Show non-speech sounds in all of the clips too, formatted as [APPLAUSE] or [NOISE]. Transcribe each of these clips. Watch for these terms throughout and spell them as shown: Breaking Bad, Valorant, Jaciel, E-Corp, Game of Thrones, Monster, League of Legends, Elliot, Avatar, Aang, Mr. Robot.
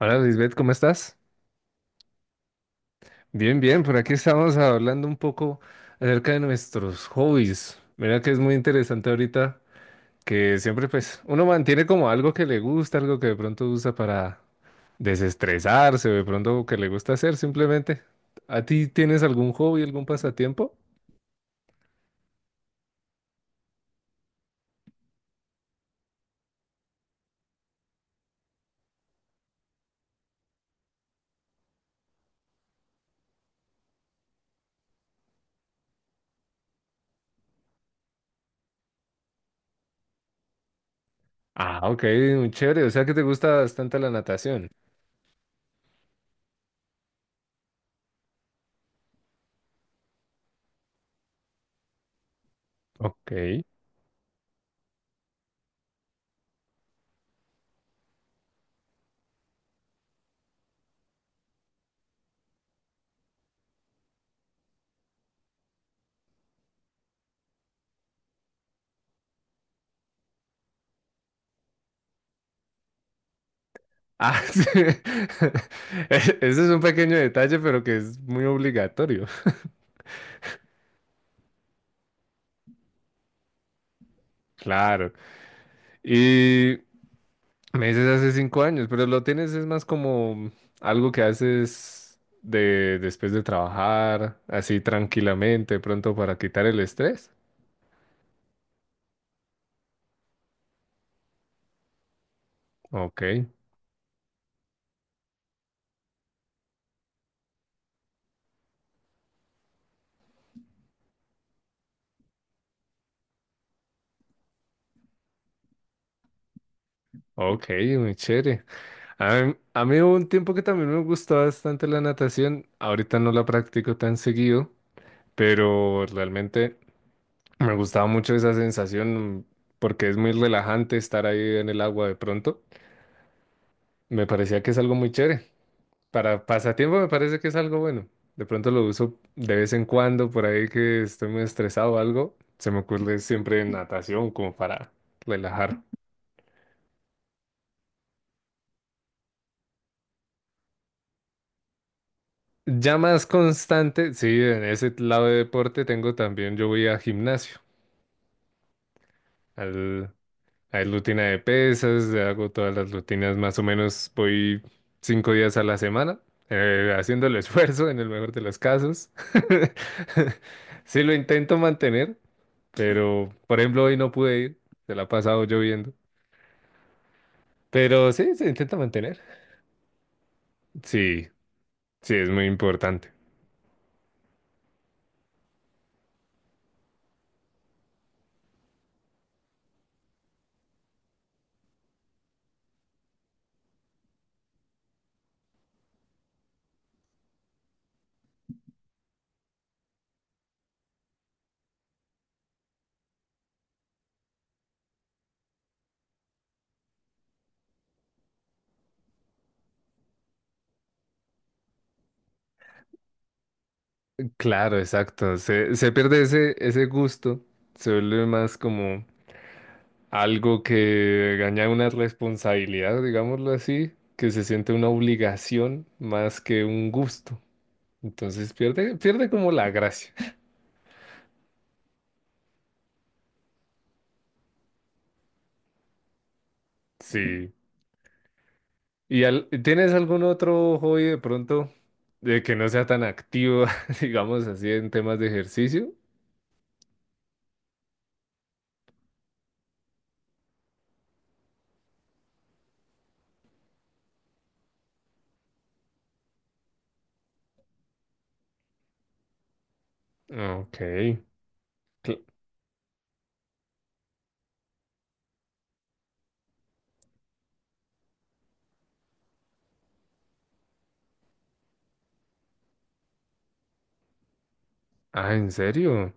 Hola Lisbeth, ¿cómo estás? Bien, bien, por aquí estamos hablando un poco acerca de nuestros hobbies. Mira que es muy interesante ahorita que siempre, pues, uno mantiene como algo que le gusta, algo que de pronto usa para desestresarse o de pronto que le gusta hacer simplemente. ¿A ti tienes algún hobby, algún pasatiempo? Ah, ok, muy chévere, o sea que te gusta bastante la natación. Ok. Ah, [LAUGHS] sí. [LAUGHS] Ese es un pequeño detalle, pero que es muy obligatorio. [LAUGHS] Claro. Y me dices hace 5 años, pero lo tienes es más como algo que haces de después de trabajar, así tranquilamente, pronto para quitar el estrés. Ok, ok, muy chévere. A mí, a mí, hubo un tiempo que también me gustó bastante la natación. Ahorita no la practico tan seguido, pero realmente me gustaba mucho esa sensación porque es muy relajante estar ahí en el agua de pronto. Me parecía que es algo muy chévere. Para pasatiempo me parece que es algo bueno. De pronto lo uso de vez en cuando, por ahí que estoy muy estresado o algo. Se me ocurre siempre natación como para relajar. Ya más constante, sí, en ese lado de deporte tengo también, yo voy a gimnasio. Al, hay rutina de pesas, hago todas las rutinas, más o menos voy 5 días a la semana, haciendo el esfuerzo en el mejor de los casos. [LAUGHS] Sí, lo intento mantener, pero por ejemplo hoy no pude ir, se la ha pasado lloviendo. Pero sí, se intenta mantener. Sí, sí, es muy importante. Claro, exacto. Se pierde ese, ese gusto, se vuelve más como algo que gana una responsabilidad, digámoslo así, que se siente una obligación más que un gusto. Entonces pierde, pierde como la gracia. [LAUGHS] Sí. ¿Y tienes algún otro hobby de pronto de que no sea tan activo, [LAUGHS] digamos así, en temas de ejercicio? Ok. Cl- Ah, ¿en serio?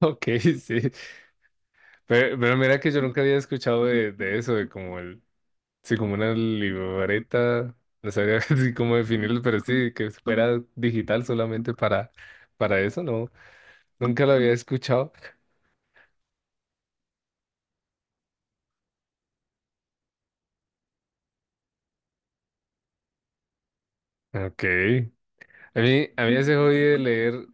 Ok, [LAUGHS] sí. Pero mira que yo nunca había escuchado de eso, de como el, sí, como una libreta, no sabría [LAUGHS] así cómo definirlo, pero sí, que fuera digital solamente para eso, no, nunca lo había escuchado. Ok. A mí, a mí, ese hobby de leer,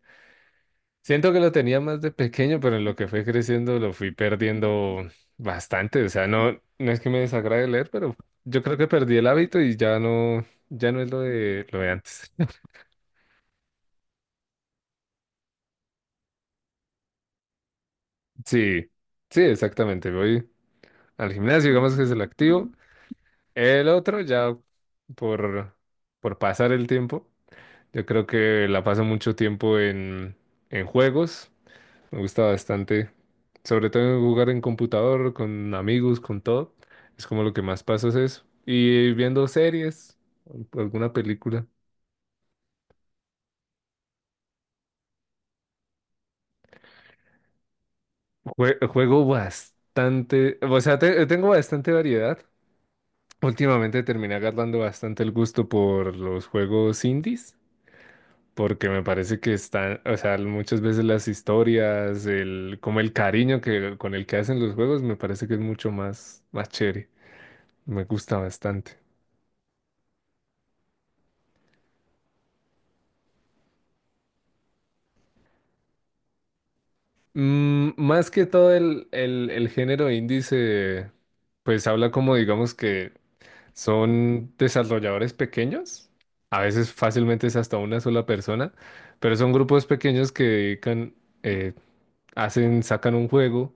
siento que lo tenía más de pequeño, pero en lo que fue creciendo lo fui perdiendo bastante. O sea, no, no es que me desagrade leer, pero yo creo que perdí el hábito y ya no, ya no es lo de antes. [LAUGHS] Sí, sí, exactamente. Voy al gimnasio, digamos que se lo activo. El otro ya por, por pasar el tiempo. Yo creo que la paso mucho tiempo en juegos. Me gusta bastante. Sobre todo jugar en computador, con amigos, con todo. Es como lo que más paso es eso. Y viendo series, alguna película. Juego bastante, o sea, tengo bastante variedad. Últimamente terminé agarrando bastante el gusto por los juegos indies, porque me parece que están, o sea, muchas veces las historias, el, como el cariño que, con el que hacen los juegos, me parece que es mucho más, más chévere. Me gusta bastante. Mm, más que todo el género indie se, pues, habla como, digamos, que son desarrolladores pequeños. A veces fácilmente es hasta una sola persona, pero son grupos pequeños que dedican, eh, hacen, sacan un juego.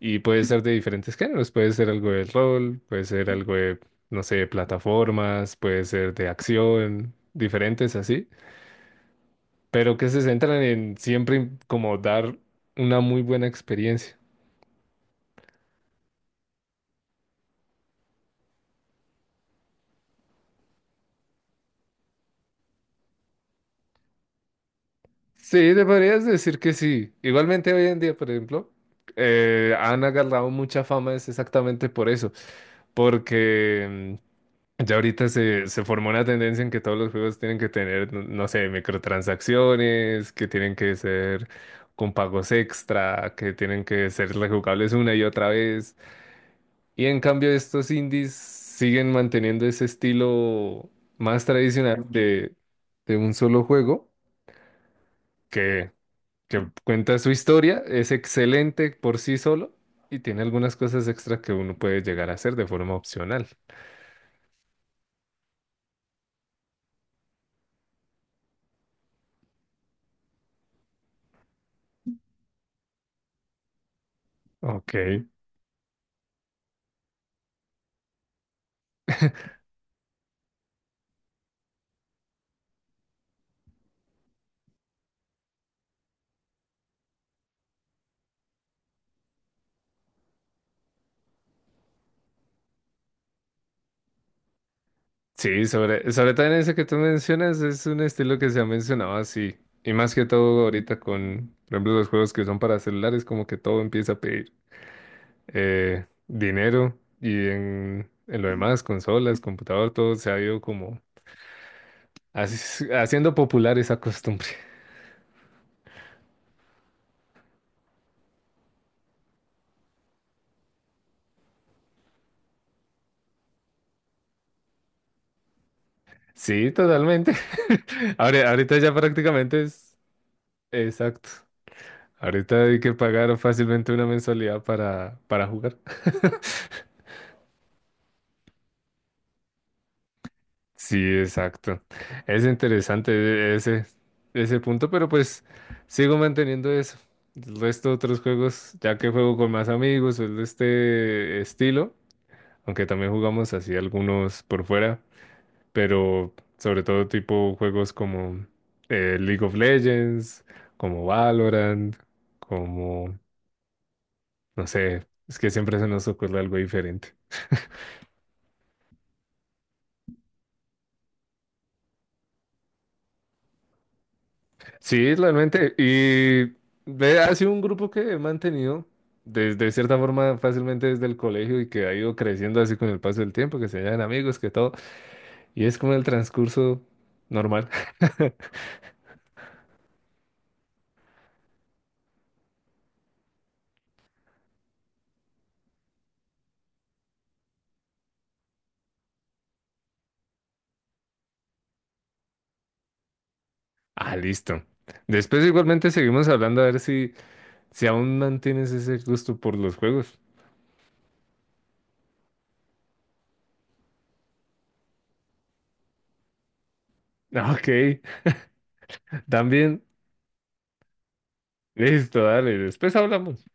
Y puede ser de diferentes géneros, puede ser algo de rol, puede ser algo de, no sé, plataformas, puede ser de acción, diferentes así, pero que se centran en siempre en como dar una muy buena experiencia. Sí, te podrías decir que sí. Igualmente hoy en día, por ejemplo, han agarrado mucha fama es exactamente por eso, porque ya ahorita se formó una tendencia en que todos los juegos tienen que tener, no, sé, microtransacciones, que tienen que ser con pagos extra, que tienen que ser rejugables una y otra vez. Y en cambio estos indies siguen manteniendo ese estilo más tradicional de un solo juego que, que cuenta su historia, es excelente por sí solo y tiene algunas cosas extra que uno puede llegar a hacer de forma opcional. Ok. Sí, sobre, sobre todo en ese que tú mencionas, es un estilo que se ha mencionado así. Y más que todo ahorita con, por ejemplo, los juegos que son para celulares, como que todo empieza a pedir dinero y en lo demás, consolas, computador, todo se ha ido como haciendo popular esa costumbre. [LAUGHS] Sí, totalmente. [LAUGHS] Ahora, ahorita ya prácticamente es exacto. Ahorita hay que pagar fácilmente una mensualidad para jugar. Sí, exacto. Es interesante ese, ese punto, pero pues sigo manteniendo eso. El resto de otros juegos, ya que juego con más amigos, es de este estilo, aunque también jugamos así algunos por fuera, pero sobre todo tipo juegos como League of Legends, como Valorant, como, no sé, es que siempre se nos ocurre algo diferente. Sí, realmente. Y ve, ha sido un grupo que he mantenido desde cierta forma fácilmente desde el colegio y que ha ido creciendo así con el paso del tiempo, que se hallan amigos, que todo. Y es como el transcurso normal. [LAUGHS] Ah, listo. Después igualmente seguimos hablando a ver si, si aún mantienes ese gusto por los juegos. [LAUGHS] Ok, también. Listo, dale. Después hablamos.